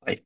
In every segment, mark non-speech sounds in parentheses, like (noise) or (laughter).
Vai.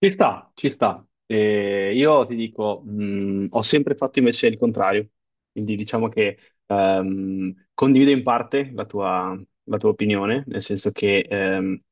Ci sta, ci sta. Io ti dico, ho sempre fatto invece il contrario, quindi diciamo che condivido in parte la tua opinione, nel senso che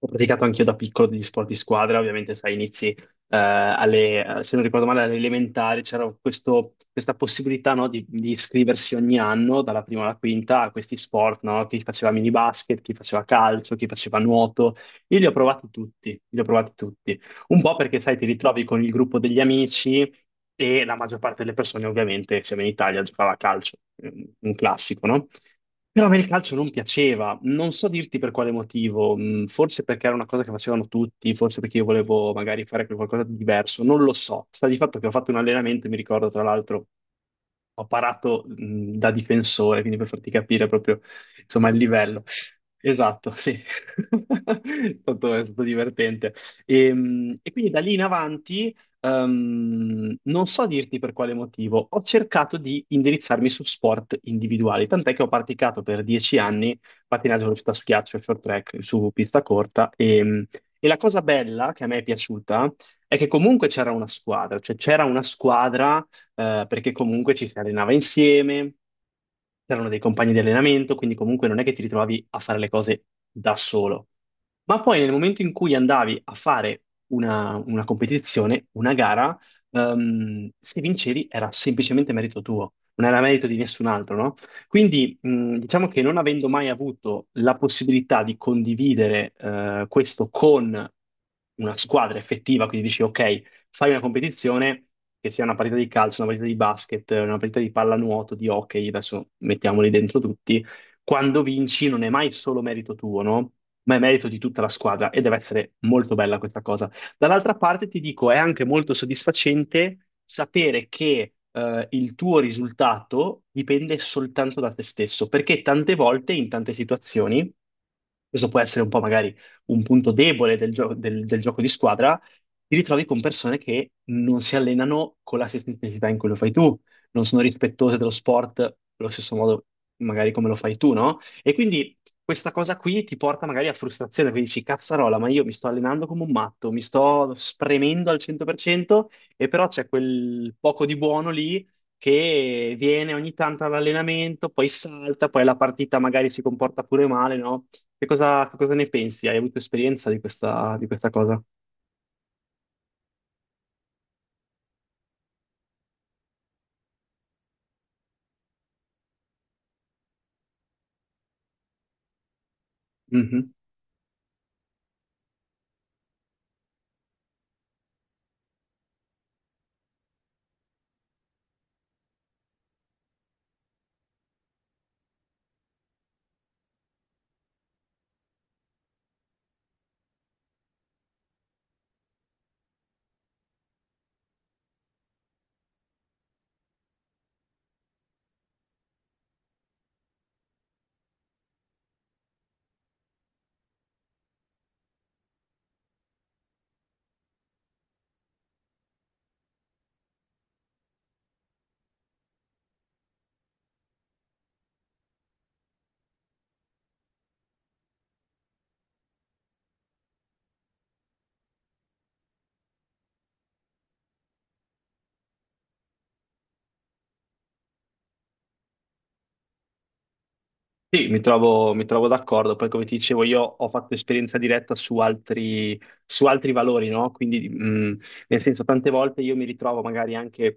ho praticato anch'io da piccolo degli sport di squadra. Ovviamente sai, inizi se non ricordo male, alle elementari, c'era questa possibilità, no, di iscriversi ogni anno, dalla prima alla quinta, a questi sport, no? Chi faceva mini basket, chi faceva calcio, chi faceva nuoto. Io li ho provati tutti, li ho provati tutti. Un po' perché, sai, ti ritrovi con il gruppo degli amici e la maggior parte delle persone, ovviamente, siamo in Italia, giocava a calcio, un classico, no? Però a me il calcio non piaceva, non so dirti per quale motivo, forse perché era una cosa che facevano tutti, forse perché io volevo magari fare qualcosa di diverso, non lo so. Sta di fatto che ho fatto un allenamento, mi ricordo tra l'altro, ho parato da difensore, quindi per farti capire proprio insomma il livello. Esatto, sì. (laughs) È stato divertente. E quindi da lì in avanti. Non so dirti per quale motivo, ho cercato di indirizzarmi su sport individuali, tant'è che ho praticato per dieci anni pattinaggio velocità su ghiaccio, short track su pista corta, e la cosa bella che a me è piaciuta è che comunque c'era una squadra, cioè c'era una squadra, perché comunque ci si allenava insieme, c'erano dei compagni di allenamento, quindi comunque non è che ti ritrovavi a fare le cose da solo. Ma poi nel momento in cui andavi a fare una competizione, una gara, se vincevi era semplicemente merito tuo, non era merito di nessun altro, no? Quindi, diciamo che non avendo mai avuto la possibilità di condividere questo con una squadra effettiva, quindi dici ok, fai una competizione, che sia una partita di calcio, una partita di basket, una partita di pallanuoto, di hockey, adesso mettiamoli dentro tutti, quando vinci non è mai solo merito tuo, no? Ma è merito di tutta la squadra e deve essere molto bella questa cosa. Dall'altra parte ti dico, è anche molto soddisfacente sapere che, il tuo risultato dipende soltanto da te stesso, perché tante volte, in tante situazioni, questo può essere un po' magari un punto debole del gioco di squadra: ti ritrovi con persone che non si allenano con la stessa intensità in cui lo fai tu, non sono rispettose dello sport allo stesso modo magari come lo fai tu, no? E quindi questa cosa qui ti porta magari a frustrazione, quindi dici, cazzarola, ma io mi sto allenando come un matto, mi sto spremendo al 100% e però c'è quel poco di buono lì, che viene ogni tanto all'allenamento, poi salta, poi la partita magari si comporta pure male, no? Che cosa ne pensi? Hai avuto esperienza di questa cosa? Mhm. Sì, mi trovo d'accordo. Poi, come ti dicevo, io ho fatto esperienza diretta su altri valori, no? Quindi, nel senso, tante volte io mi ritrovo magari anche,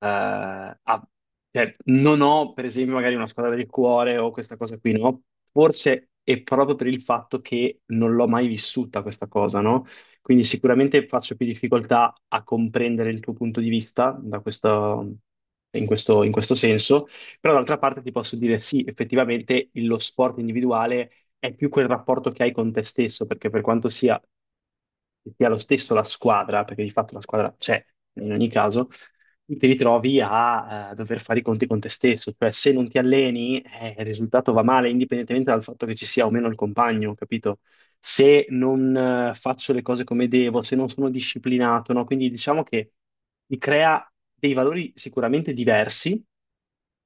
a- cioè, non ho, per esempio, magari una squadra del cuore o questa cosa qui, no? Forse è proprio per il fatto che non l'ho mai vissuta questa cosa, no? Quindi sicuramente faccio più difficoltà a comprendere il tuo punto di vista da in questo senso. Però d'altra parte ti posso dire sì, effettivamente lo sport individuale è più quel rapporto che hai con te stesso, perché per quanto sia lo stesso la squadra, perché di fatto la squadra c'è in ogni caso, tu ti ritrovi a, dover fare i conti con te stesso, cioè se non ti alleni, il risultato va male, indipendentemente dal fatto che ci sia o meno il compagno, capito? Se non, faccio le cose come devo, se non sono disciplinato, no? Quindi diciamo che ti crea dei valori sicuramente diversi,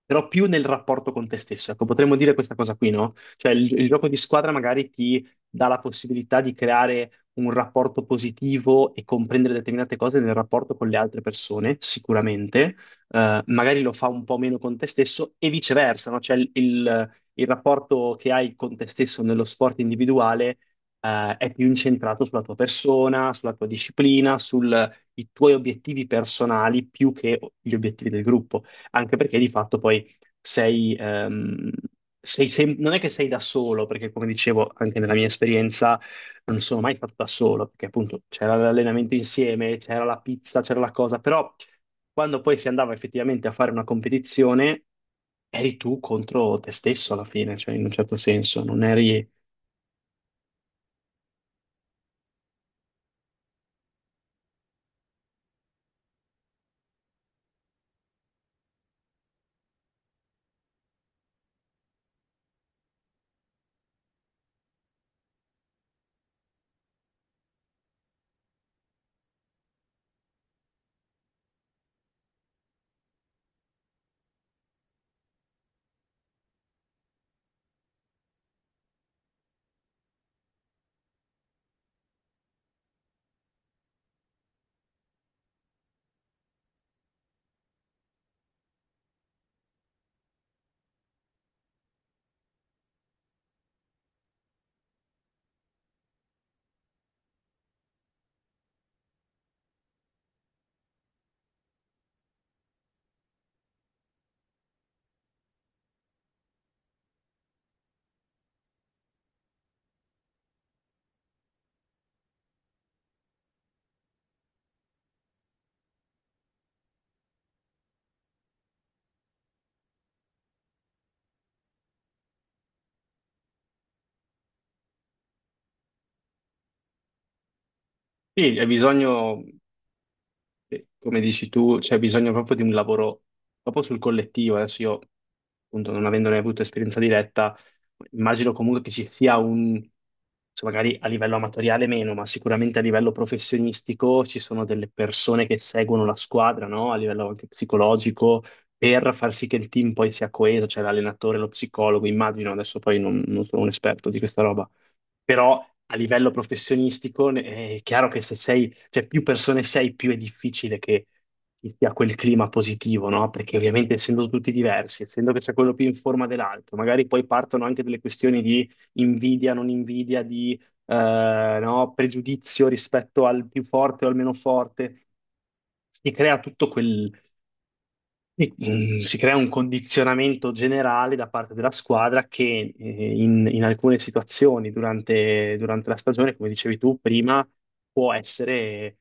però più nel rapporto con te stesso. Ecco, potremmo dire questa cosa qui, no? Cioè il gioco di squadra magari ti dà la possibilità di creare un rapporto positivo e comprendere determinate cose nel rapporto con le altre persone, sicuramente. Magari lo fa un po' meno con te stesso e viceversa, no? Cioè il rapporto che hai con te stesso nello sport individuale, è più incentrato sulla tua persona, sulla tua disciplina, sui tuoi obiettivi personali più che gli obiettivi del gruppo, anche perché di fatto poi sei, ehm, sei, non è che sei da solo, perché come dicevo anche nella mia esperienza non sono mai stato da solo, perché appunto c'era l'allenamento insieme, c'era la pizza, c'era la cosa, però quando poi si andava effettivamente a fare una competizione, eri tu contro te stesso alla fine, cioè in un certo senso, non eri... Sì, hai bisogno. Sì, come dici tu, c'è bisogno proprio di un lavoro proprio sul collettivo. Adesso io, appunto, non avendone avuto esperienza diretta, immagino comunque che ci sia cioè, magari a livello amatoriale meno, ma sicuramente a livello professionistico ci sono delle persone che seguono la squadra, no? A livello anche psicologico, per far sì che il team poi sia coeso, cioè l'allenatore, lo psicologo, immagino, adesso poi non sono un esperto di questa roba, però a livello professionistico, è chiaro che se sei, cioè più persone sei, più è difficile che ci sia quel clima positivo, no? Perché ovviamente essendo tutti diversi, essendo che c'è quello più in forma dell'altro, magari poi partono anche delle questioni di invidia, non invidia, di no, pregiudizio rispetto al più forte o al meno forte. Si crea tutto, sì. Si crea un condizionamento generale da parte della squadra che, in alcune situazioni durante, durante la stagione, come dicevi tu prima, può essere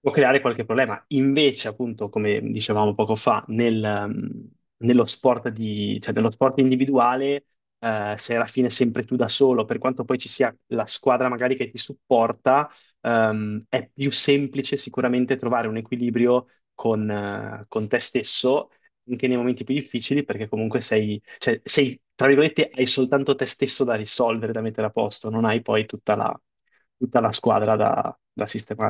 può creare qualche problema. Invece, appunto, come dicevamo poco fa, nello cioè, nello sport individuale, sei alla fine sempre tu da solo, per quanto poi ci sia la squadra magari che ti supporta. È più semplice sicuramente trovare un equilibrio con te stesso. Anche nei momenti più difficili, perché comunque sei, cioè, sei, tra virgolette, hai soltanto te stesso da risolvere, da mettere a posto, non hai poi tutta la squadra da sistemare.